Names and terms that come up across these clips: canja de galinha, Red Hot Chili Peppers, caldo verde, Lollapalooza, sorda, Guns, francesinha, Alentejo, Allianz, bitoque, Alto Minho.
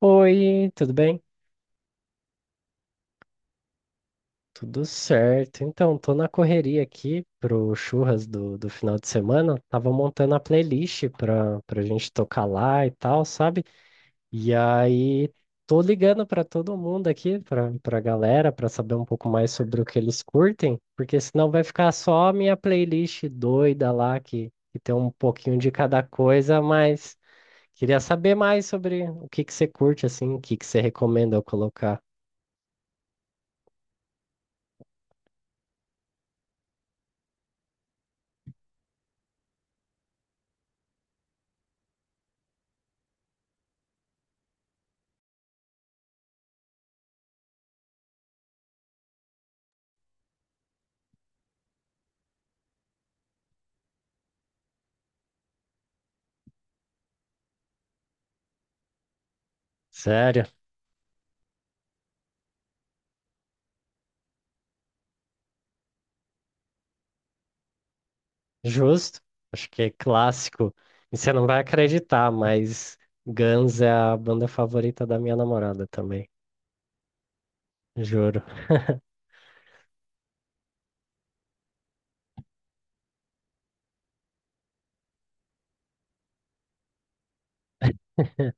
Oi, tudo bem? Tudo certo. Então, tô na correria aqui pro churras do final de semana. Tava montando a playlist pra gente tocar lá e tal, sabe? E aí, tô ligando pra todo mundo aqui, pra galera, pra saber um pouco mais sobre o que eles curtem, porque senão vai ficar só a minha playlist doida lá, que tem um pouquinho de cada coisa, mas queria saber mais sobre o que que você curte, assim, o que que você recomenda eu colocar. Sério? Justo, acho que é clássico. E você não vai acreditar, mas Guns é a banda favorita da minha namorada também. Juro.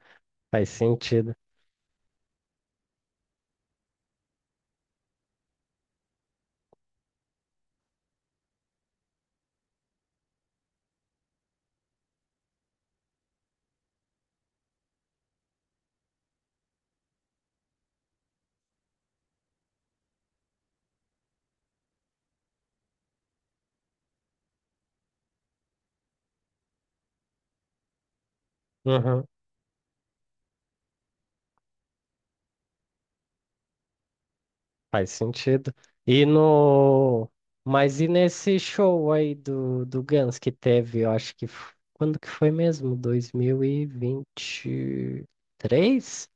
Faz sentido. Uhum, faz sentido. E no. Mas e nesse show aí do Guns que teve, eu acho que. Quando que foi mesmo? 2023.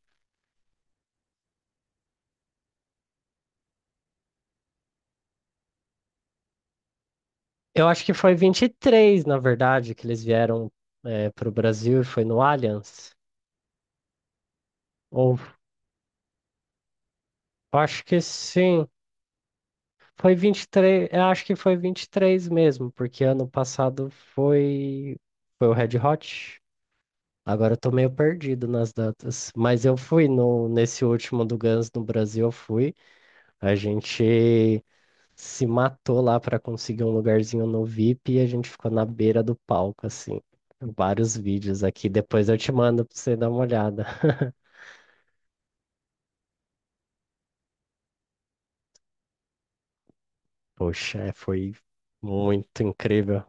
Eu acho que foi 23 na verdade, que eles vieram para o Brasil e foi no Allianz. Ou acho que sim. Foi 23, eu acho que foi 23 mesmo, porque ano passado foi, foi o Red Hot. Agora eu tô meio perdido nas datas, mas eu fui no, nesse último do Guns no Brasil, eu fui. A gente se matou lá pra conseguir um lugarzinho no VIP e a gente ficou na beira do palco, assim. Vários vídeos aqui, depois eu te mando pra você dar uma olhada. Poxa, é, foi muito incrível.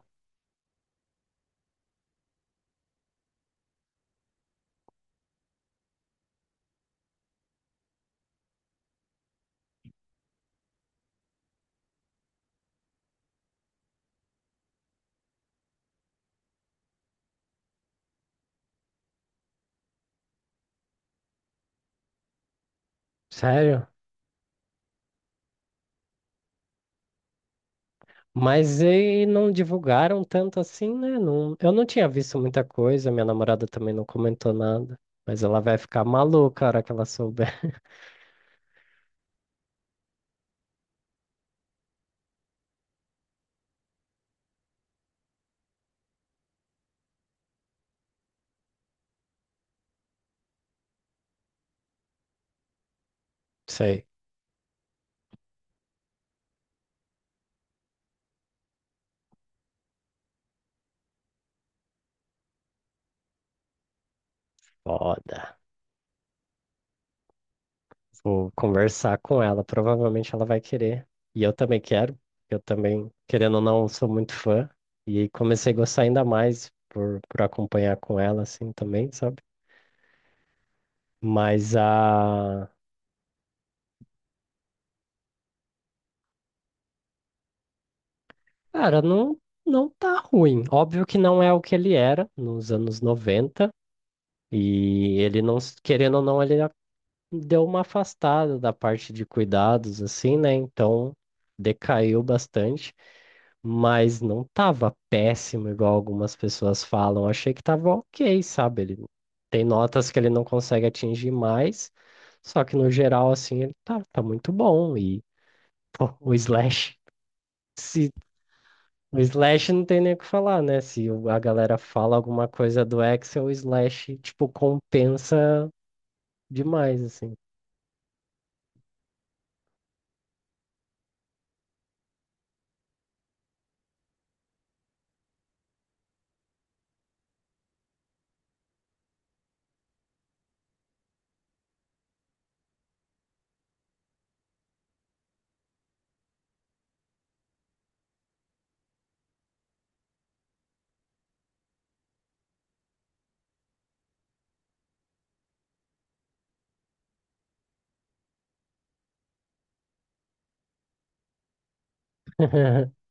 Sério? Mas e não divulgaram tanto assim, né? Não, eu não tinha visto muita coisa, minha namorada também não comentou nada. Mas ela vai ficar maluca a hora que ela souber. Sei, foda. Vou conversar com ela, provavelmente ela vai querer. E eu também quero, eu também, querendo ou não, sou muito fã. E comecei a gostar ainda mais por acompanhar com ela, assim, também, sabe? Mas a. Cara, não, não tá ruim. Óbvio que não é o que ele era nos anos 90. E ele não, querendo ou não, deu uma afastada da parte de cuidados, assim, né? Então decaiu bastante, mas não tava péssimo, igual algumas pessoas falam. Achei que tava ok, sabe? Ele tem notas que ele não consegue atingir mais, só que no geral, assim, ele tá muito bom. E, pô, o Slash, se. O Slash não tem nem o que falar, né? Se a galera fala alguma coisa do Excel, o Slash, tipo, compensa demais, assim.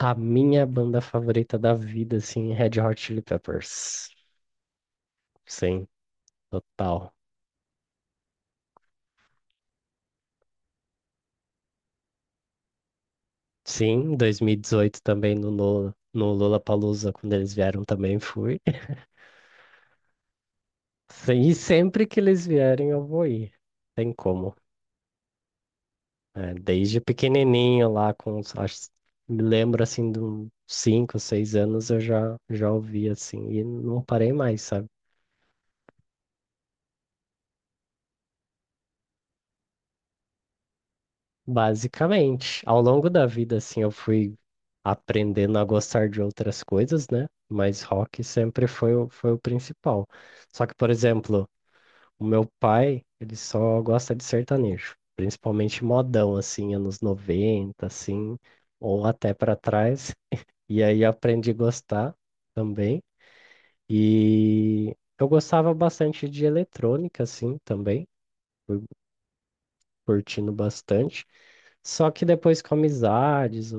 A minha banda favorita da vida, assim, é Red Hot Chili Peppers. Sim, total. Sim, 2018 também Lula no Lollapalooza, quando eles vieram também fui. Sim, e sempre que eles vierem eu vou ir. Tem como. É, desde pequenininho lá, com, acho, me lembro assim, de uns 5, 6 anos eu já ouvi assim, e não parei mais, sabe? Basicamente, ao longo da vida, assim, eu fui aprendendo a gostar de outras coisas, né? Mas rock sempre foi o principal. Só que, por exemplo, o meu pai, ele só gosta de sertanejo, principalmente modão, assim, anos 90 assim, ou até para trás. E aí eu aprendi a gostar também. E eu gostava bastante de eletrônica, assim, também, fui curtindo bastante. Só que depois com amizades,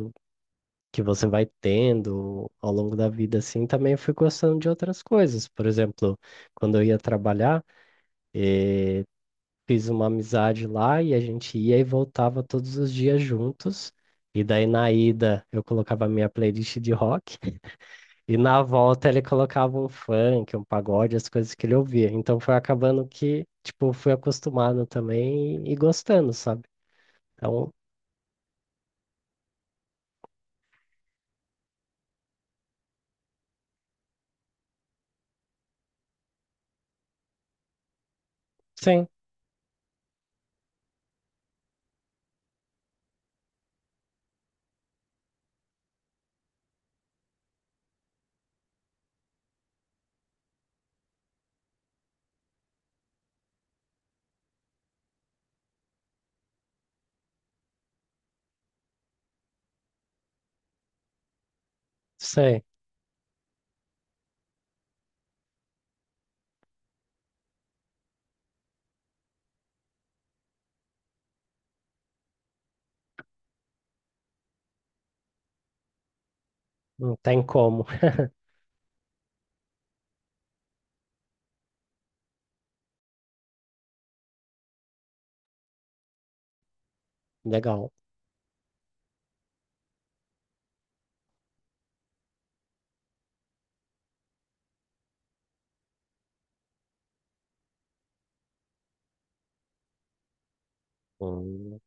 que você vai tendo ao longo da vida, assim, também fui gostando de outras coisas. Por exemplo, quando eu ia trabalhar, fiz uma amizade lá e a gente ia e voltava todos os dias juntos. E daí na ida eu colocava a minha playlist de rock e na volta ele colocava um funk, um pagode, as coisas que ele ouvia. Então foi acabando que, tipo, fui acostumado também e gostando, sabe? Então, sim, sei, não tem como. Legal. Hum,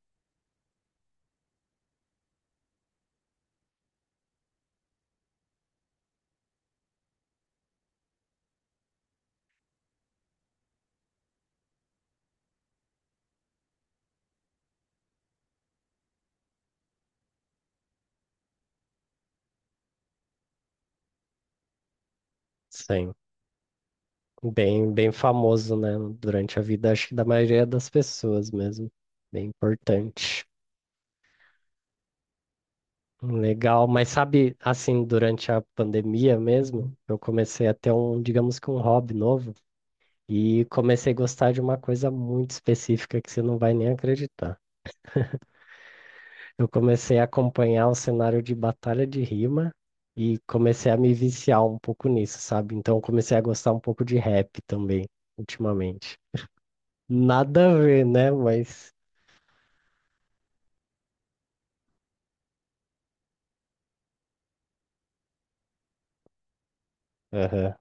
sim. Bem, bem famoso, né? Durante a vida, acho que da maioria das pessoas mesmo. Bem importante. Legal, mas sabe, assim, durante a pandemia mesmo, eu comecei a ter um, digamos que um hobby novo, e comecei a gostar de uma coisa muito específica que você não vai nem acreditar. Eu comecei a acompanhar o cenário de batalha de rima e comecei a me viciar um pouco nisso, sabe? Então comecei a gostar um pouco de rap também, ultimamente. Nada a ver, né? Mas. Aham.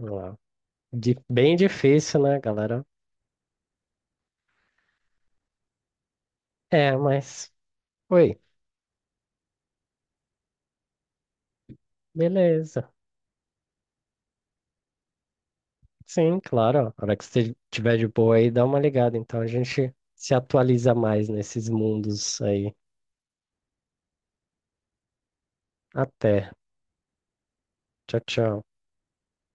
Lá. Bem difícil, né, galera? É, mas oi. Beleza. Sim, claro. Ó, a hora que você tiver de boa aí, dá uma ligada. Então a gente se atualiza mais nesses mundos aí. Até. Tchau, tchau.